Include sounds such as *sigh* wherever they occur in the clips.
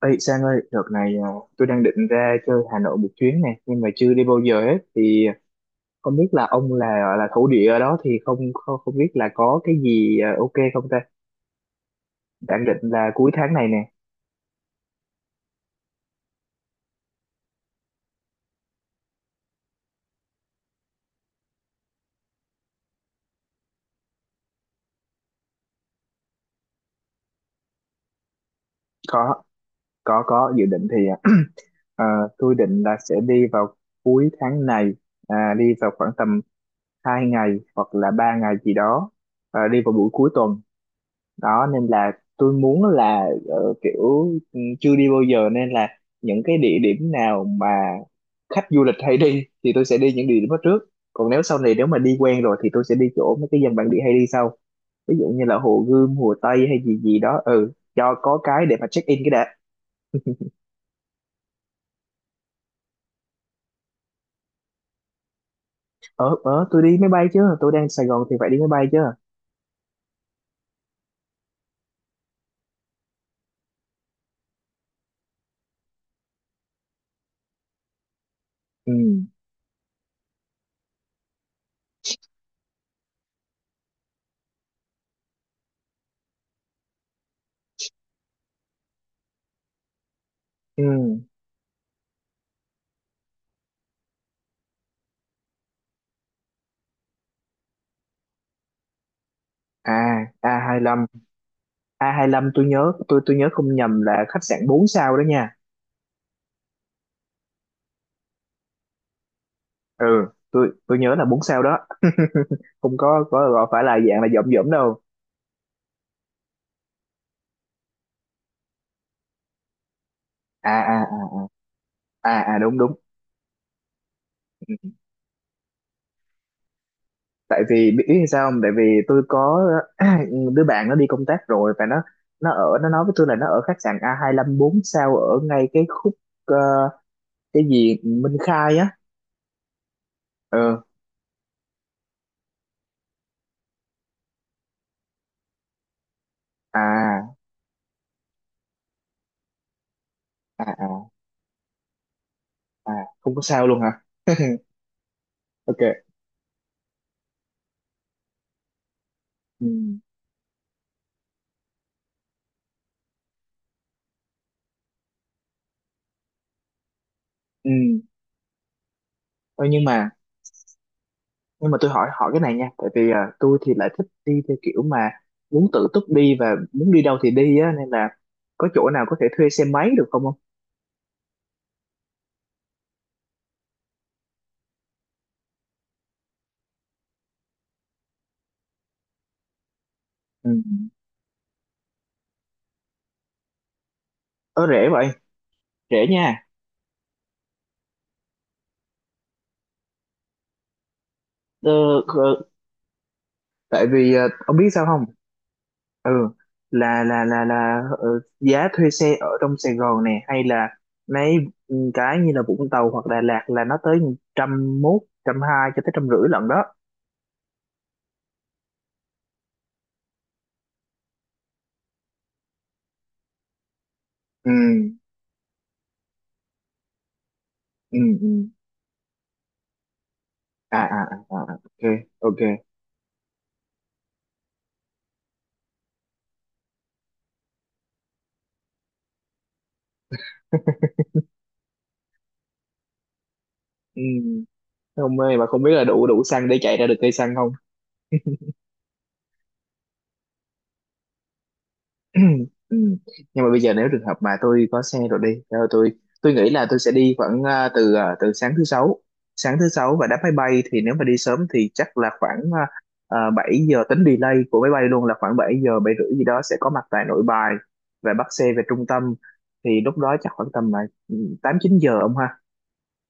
Ê Sang ơi, đợt này tôi đang định ra chơi Hà Nội một chuyến này, nhưng mà chưa đi bao giờ hết. Thì không biết là ông là thổ địa ở đó thì không không, không biết là có cái gì ok không ta? Đang định là cuối tháng này nè. Có có dự định thì *clears throat* à, tôi định là sẽ đi vào cuối tháng này, đi vào khoảng tầm 2 ngày hoặc là 3 ngày gì đó, đi vào buổi cuối tuần. Đó nên là tôi muốn là kiểu chưa đi bao giờ nên là những cái địa điểm nào mà khách du lịch hay đi thì tôi sẽ đi những địa điểm đó trước. Còn nếu sau này nếu mà đi quen rồi thì tôi sẽ đi chỗ mấy cái dân bản địa hay đi sau, ví dụ như là Hồ Gươm, Hồ Tây hay gì gì đó, ừ, cho có cái để mà check in cái đã. Ờ tôi đi máy bay chứ, tôi đang Sài Gòn thì phải đi máy bay chứ. Ừ, ừ. À, a hai lăm. A hai lăm tôi nhớ tôi nhớ không nhầm là khách sạn 4 sao đó nha. Ừ, tôi nhớ là 4 sao đó *laughs* không có gọi phải là dạng là dỏm dỏm đâu. À à à à à đúng đúng. Ừ. Tại vì biết biết sao không, tại vì tôi có *clears throat* đứa bạn nó đi công tác rồi và nó nó nói với tôi là nó ở khách sạn A25 hai lăm 4 sao ở ngay cái khúc ờ, cái gì Minh Khai á. Ừ. à à à à không có sao luôn hả? Ok. Ừ. Ừ. Ừ. Thôi, nhưng mà tôi hỏi hỏi cái này nha, tại vì tôi thì lại thích đi theo kiểu mà muốn tự túc đi và muốn đi đâu thì đi á, nên là có chỗ nào có thể thuê xe máy được không không ừ. Ờ rẻ vậy, rẻ nha. ờ, ờ, Tại vì ông biết sao không? Ừ, là là là là ờ, giá thuê xe ở trong Sài Gòn này hay là mấy cái như là Vũng Tàu hoặc Đà Lạt là nó tới trăm mốt trăm hai cho tới trăm rưỡi lận đó. Ừ, ừ, ừ. Ok. Ok. *laughs* Ừ. Không ơi, mà không biết là đủ đủ xăng để chạy ra được cây xăng không? *clears throat* Nhưng mà bây giờ nếu trường hợp mà tôi có xe rồi đi, rồi tôi nghĩ là tôi sẽ đi khoảng từ từ sáng thứ sáu và đáp máy bay thì nếu mà đi sớm thì chắc là khoảng 7 giờ, tính delay của máy bay luôn là khoảng 7 giờ 7 rưỡi gì đó sẽ có mặt tại Nội Bài và bắt xe về trung tâm, thì lúc đó chắc khoảng tầm là ừ, 8 9 giờ ông ha.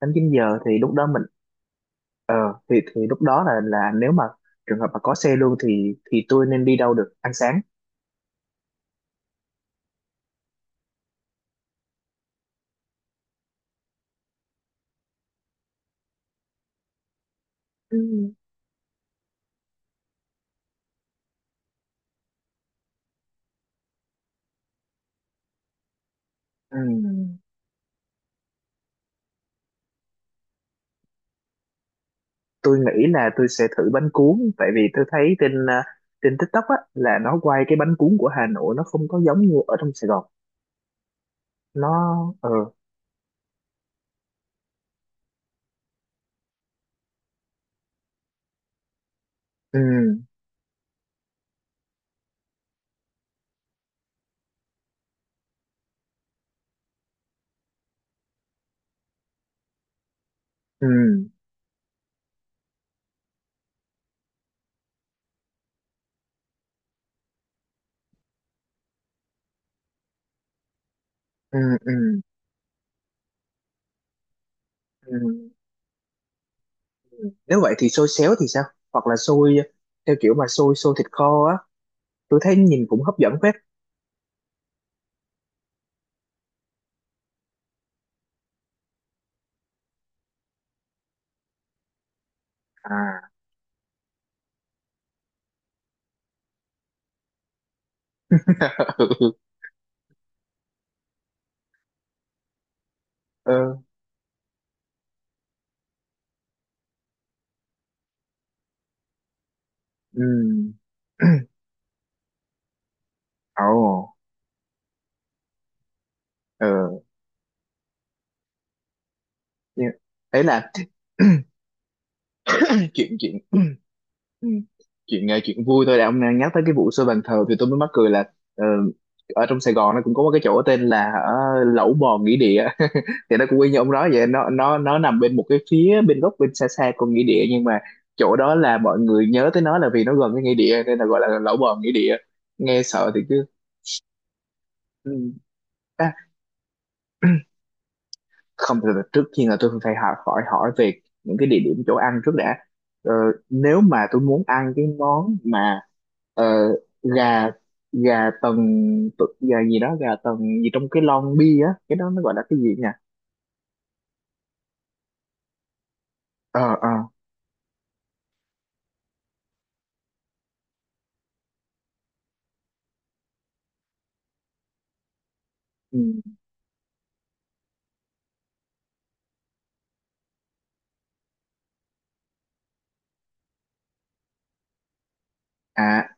Tám 9 giờ thì lúc đó mình Ờ, thì lúc đó là nếu mà trường hợp mà có xe luôn thì tôi nên đi đâu được ăn sáng? Ừ. Ừ, Ừ. Tôi nghĩ là tôi sẽ thử bánh cuốn, tại vì tôi thấy trên trên TikTok á là nó quay cái bánh cuốn của Hà Nội nó không có giống như ở trong Sài Gòn. Nó ờ. Ừ, ừ, ừ. Ừ. Ừ. Nếu vậy thì xôi xéo thì sao? Hoặc là xôi theo kiểu mà xôi xôi thịt kho á, tôi thấy nhìn cũng hấp dẫn phết. À. *laughs* Ừ. Ừ. *clears throat* Ồ. Ừ. Nhưng ấy là *clears throat* chuyện chuyện *clears throat* chuyện chuyện vui thôi đã, ông đang nhắc tới cái vụ xây bàn thờ thì tôi mới mắc cười là ờ, ở trong Sài Gòn nó cũng có một cái chỗ tên là Lẩu Bò Nghĩa Địa *laughs* thì nó cũng y như ông nói vậy, nó nằm bên một cái phía bên góc bên xa xa con nghĩa địa, nhưng mà chỗ đó là mọi người nhớ tới nó là vì nó gần cái nghĩa địa nên là gọi là Lẩu Bò Nghĩa Địa, nghe sợ thì cứ. Ừ. Không, từ từ, trước tiên là tôi phải hỏi hỏi hỏi về những cái địa điểm chỗ ăn trước đã. ờ, Nếu mà tôi muốn ăn cái món mà ờ, gà, tần, gà tần gì trong cái lon bia á, cái đó nó gọi là cái gì nhỉ? Ờ. Ừ. À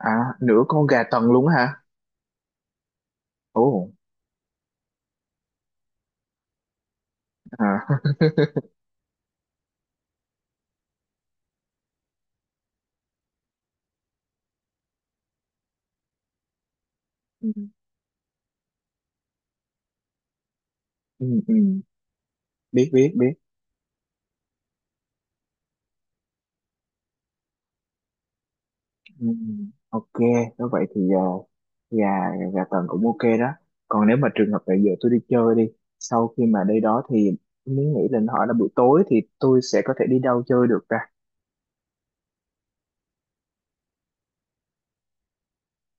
à. Nửa con gà tần luôn á hả? Ồ. À *laughs* Ừ. Ừ, ừ. biết biết biết. Ừ, ok. Nếu vậy thì gà, gà tần cũng ok đó. Còn nếu mà trường hợp là giờ tôi đi chơi đi, sau khi mà đi đó thì mới nghĩ lên hỏi là buổi tối thì tôi sẽ có thể đi đâu chơi được ta?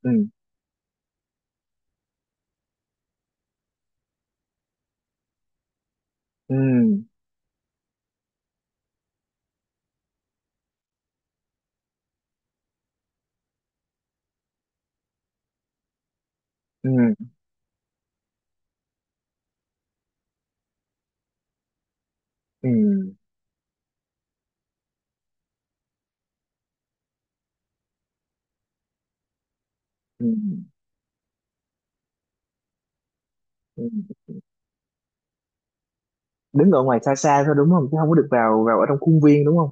Ừ. Ừ. Ừ. Ừ. Ừ. Ừ. Đứng ở ngoài xa xa thôi đúng không, chứ không có được vào vào ở trong khuôn viên đúng không?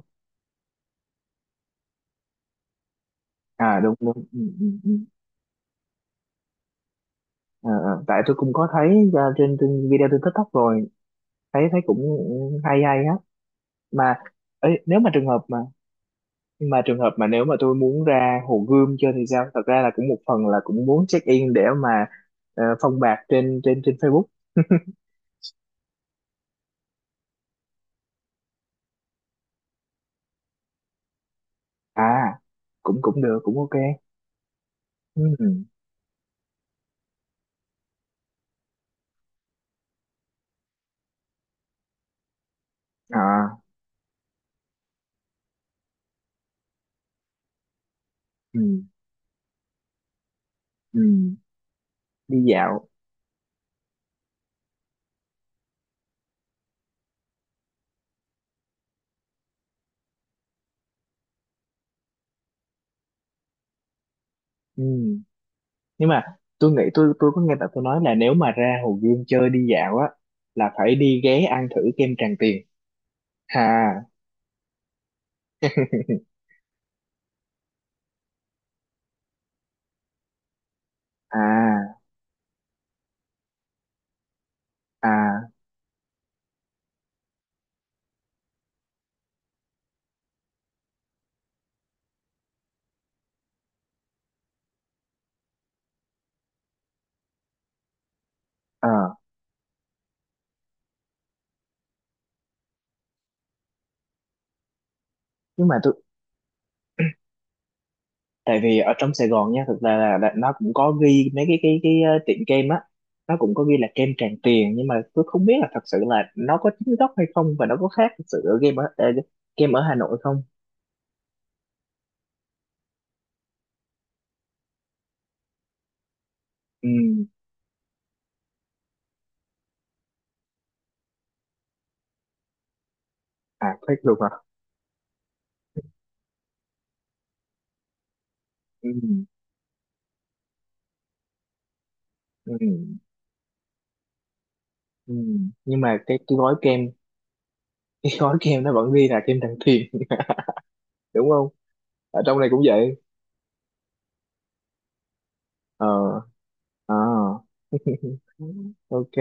À đúng đúng. Ừ, ừ, ừ. Ờ, ờ, tại tôi cũng có thấy ra trên, trên video trên TikTok rồi, thấy thấy cũng hay hay á mà. Ấy, nếu mà trường hợp mà Nhưng mà trường hợp mà nếu mà tôi muốn ra Hồ Gươm chơi thì sao? Thật ra là cũng một phần là cũng muốn check in để mà phong bạc trên trên trên Facebook. À, cũng cũng được, cũng ok. Ừ. À, ừ. Ừ. Đi dạo. Ừ. Nhưng mà nghĩ tôi có nghe bạn tôi nói là nếu mà ra Hồ Gươm chơi đi dạo á là phải đi ghé ăn thử kem Tràng Tiền. À. À. À. Ờ. Nhưng mà tôi Tại vì ở trong Sài Gòn nha, thực ra là đã- nó cũng có ghi mấy cái ờ, tiệm kem á, nó cũng có ghi là kem Tràng Tiền, nhưng mà tôi không biết là thật sự là nó có chính gốc hay không, và nó có khác thật sự ở game ở kem ở Hà Nội không? Ừ. À khác được hả? Ừ. Ừ. Ừ. Nhưng mà cái gói kem *laughs* cái gói kem nó vẫn ghi là kem Tràng Tiền *laughs* đúng không? Ở trong này cũng vậy. Ờ. À. *laughs* Ok,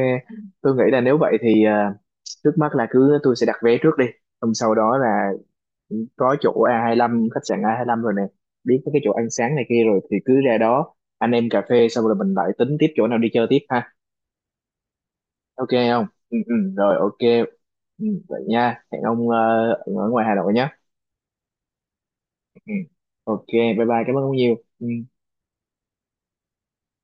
tôi nghĩ là nếu vậy thì trước mắt là cứ tôi sẽ đặt vé trước đi, xong sau đó là có chỗ a hai lăm, khách sạn a hai lăm rồi nè, biết mấy cái chỗ ăn sáng này kia rồi, thì cứ ra đó anh em cà phê xong rồi mình lại tính tiếp chỗ nào đi chơi tiếp ha. Ok không, ừ, ừ, rồi ok. Ừ, vậy nha, hẹn ông ở ngoài Hà Nội nhé. Ừ. Ok bye bye, cảm ơn ông nhiều. Ừ.